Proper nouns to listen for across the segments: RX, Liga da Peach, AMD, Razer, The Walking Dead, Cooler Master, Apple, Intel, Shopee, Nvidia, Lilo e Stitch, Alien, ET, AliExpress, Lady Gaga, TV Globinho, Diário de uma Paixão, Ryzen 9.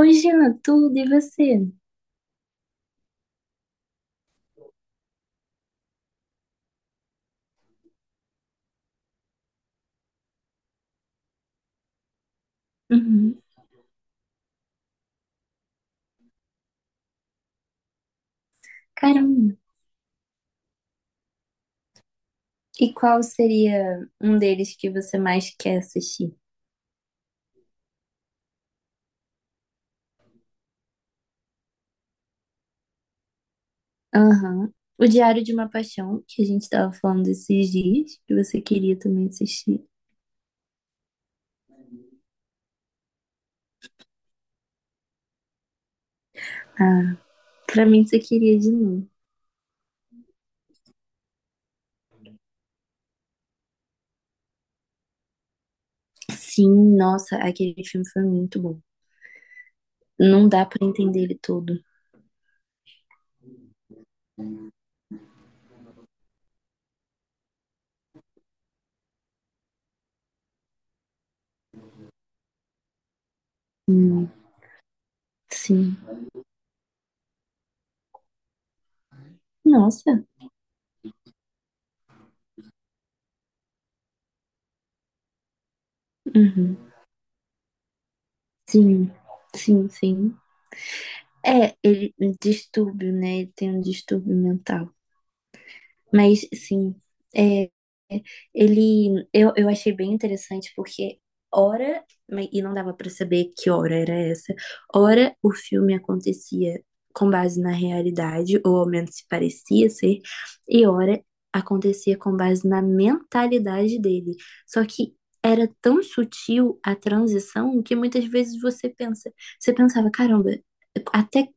Oi, Jean, tudo e você? Uhum. Caramba. E qual seria um deles que você mais quer assistir? Aham. O Diário de uma Paixão, que a gente tava falando esses dias, que você queria também assistir. Ah, claramente você queria de novo. Sim, nossa, aquele filme foi muito bom. Não dá pra entender ele todo. Sim. Nossa. Uhum. Sim. Sim, sim. É, ele, um distúrbio, né? Ele tem um distúrbio mental. Mas, sim. Ele, eu achei bem interessante porque ora, mas- e não dava pra saber que hora era essa, ora o filme acontecia com base na realidade, ou ao menos se parecia ser, e ora acontecia com base na mentalidade dele. Só que era tão sutil a transição que muitas vezes você pensa, você pensava, caramba, até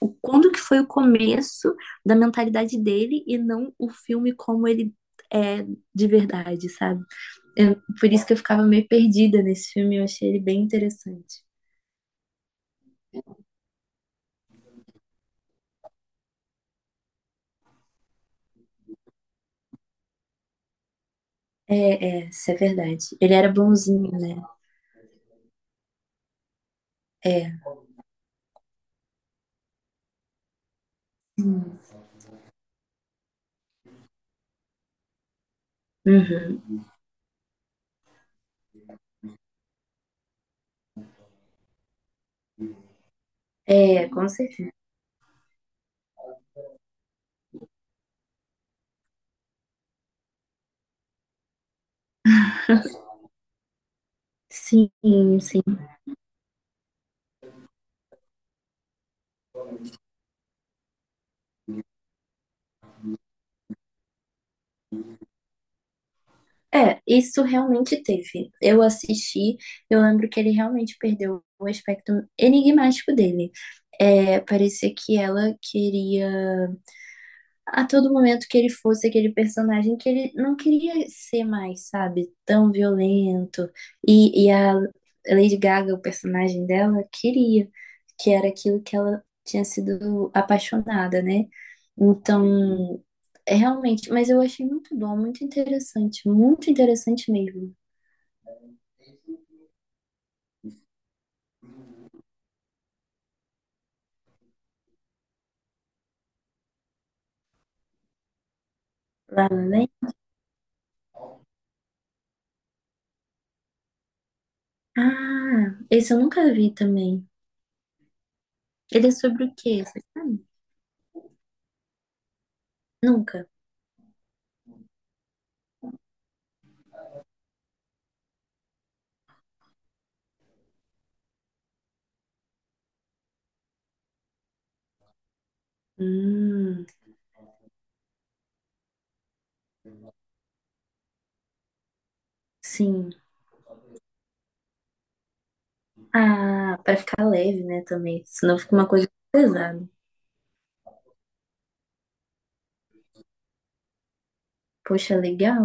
o- quando que foi o começo da mentalidade dele e não o filme como ele é de verdade, sabe? Eu, por isso que eu ficava meio perdida nesse filme, eu achei ele bem interessante. É, é, isso é verdade. Ele era bonzinho, né? É. Uhum. É, com certeza. Sim, sim. É, isso realmente teve. Eu assisti, eu lembro que ele realmente perdeu o aspecto enigmático dele. É, parecia que ela queria a todo momento que ele fosse aquele personagem que ele não queria ser mais, sabe? Tão violento. E a Lady Gaga, o personagem dela, queria, que era aquilo que ela tinha sido apaixonada, né? Então, é realmente, mas eu achei muito bom, muito interessante mesmo. Lá, né? Ah, esse eu nunca vi também. Ele é sobre o quê? Você sabe? Nunca. Hum, sim. Ah, pra ficar leve, né, também. Senão fica uma coisa pesada. Poxa, legal.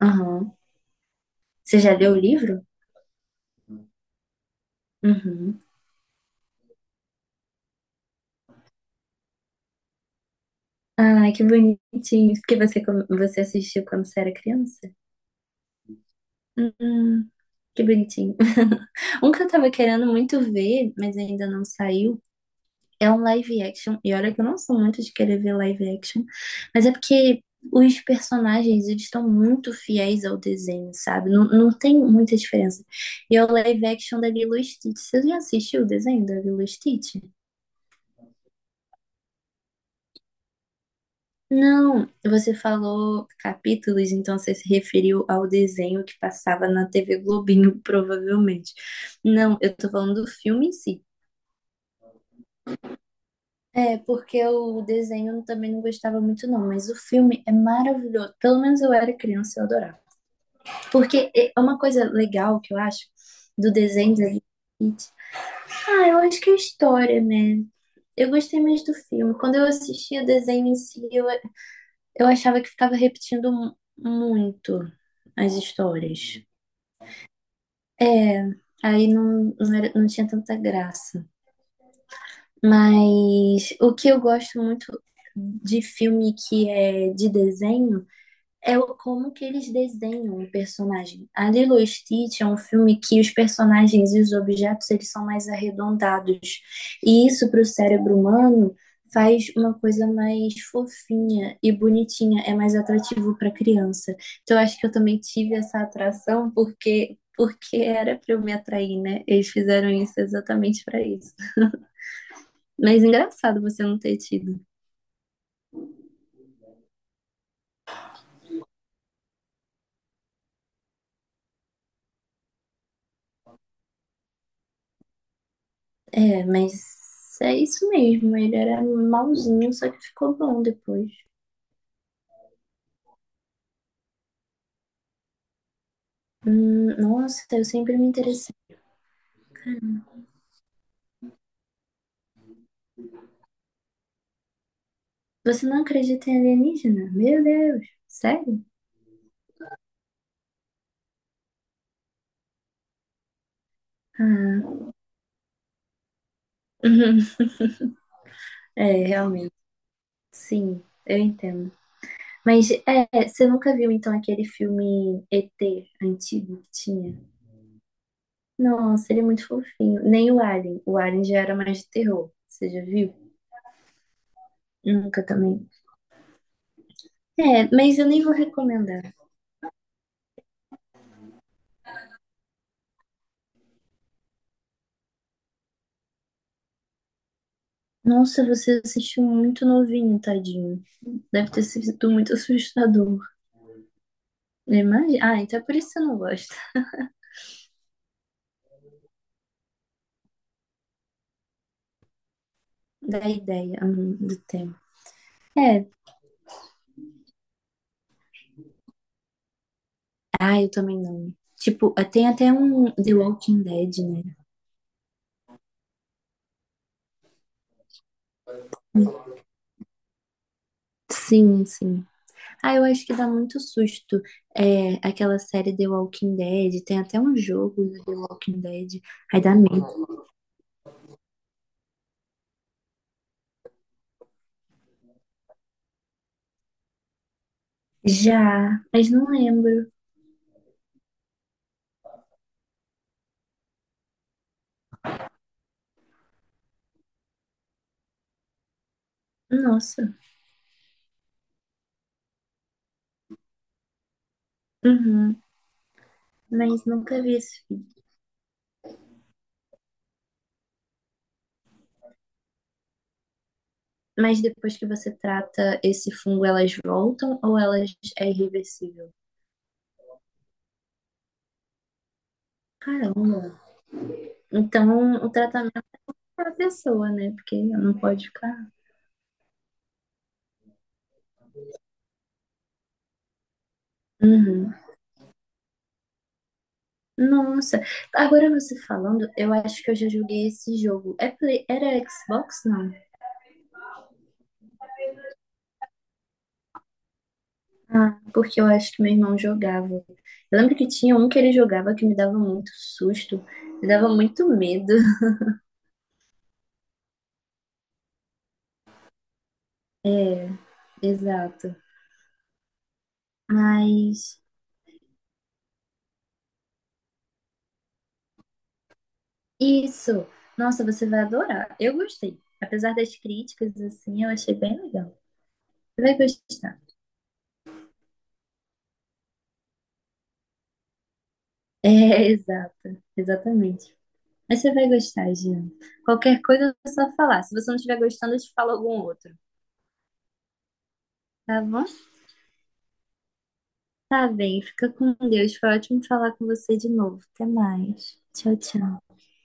Aham. Você já leu o livro? Uhum. Ah, que bonitinho. Que você, com- você assistiu quando você era criança? Hum, que bonitinho. Um que eu tava querendo muito ver, mas ainda não saiu, é um live action, e olha que eu não sou muito de querer ver live action, mas é porque os personagens, eles estão muito fiéis ao desenho, sabe? Não, não tem muita diferença. E é o live action da Lilo e Stitch. Você já assistiu o desenho da Lilo e Stitch? Não, você falou capítulos, então você se referiu ao desenho que passava na TV Globinho, provavelmente. Não, eu tô falando do filme em si. É, porque o desenho eu também não gostava muito, não, mas o filme é maravilhoso. Pelo menos eu era criança, eu adorava. Porque é uma coisa legal que eu acho do desenho da Liga da Peach. Ah, eu acho que é a história, né? Eu gostei mais do filme. Quando eu assistia o desenho em si, eu achava que ficava repetindo mu- muito as histórias. É, aí não, não, era, não tinha tanta graça. Mas o que eu gosto muito de filme que é de desenho é o- como que eles desenham o personagem. A Lilo e Stitch é um filme que os personagens e os objetos eles são mais arredondados. E isso para o cérebro humano faz uma coisa mais fofinha e bonitinha, é mais atrativo para criança. Então eu acho que eu também tive essa atração porque era para eu me atrair, né? Eles fizeram isso exatamente para isso. Mas engraçado você não ter tido. É, mas é isso mesmo. Ele era malzinho, só que ficou bom depois. Nossa, eu sempre me interessei. Você não acredita em alienígena? Meu Deus, sério? Ah, é, realmente. Sim, eu entendo. Mas é, você nunca viu então aquele filme ET antigo que tinha? Nossa, ele é muito fofinho. Nem o Alien. O Alien já era mais de terror. Você já viu? Nunca também. É, mas eu nem vou recomendar. Nossa, você assistiu muito novinho, tadinho. Deve ter sido muito assustador. Imagina. Ah, então é por isso que eu não gosto da ideia do tema. É. Ah, eu também não. Tipo, tem até um The Walking Dead, né? Sim, sim. Ah, eu acho que dá muito susto. É, aquela série The Walking Dead. Tem até um jogo do The Walking Dead. Aí dá medo. Já, mas não lembro. Nossa. Uhum. Mas nunca vi esse filme. Mas depois que você trata esse fungo, elas voltam ou elas é irreversível? Caramba. Então, o tratamento é a pessoa, né? Porque não pode ficar. Uhum. Nossa. Agora você falando, eu acho que eu já joguei esse jogo. É Play- Era Xbox, não? Ah, porque eu acho que meu irmão jogava. Eu lembro que tinha um que ele jogava que me dava muito susto, me dava muito medo. Exato. Mas isso. Nossa, você vai adorar. Eu gostei. Apesar das críticas, assim, eu achei bem legal. Você vai gostar. É, exato. Exatamente. Mas você vai gostar, Jean. Qualquer coisa é só falar. Se você não estiver gostando, eu te falo algum outro. Tá bom? Tá bem. Fica com Deus. Foi ótimo falar com você de novo. Até mais. Tchau, tchau.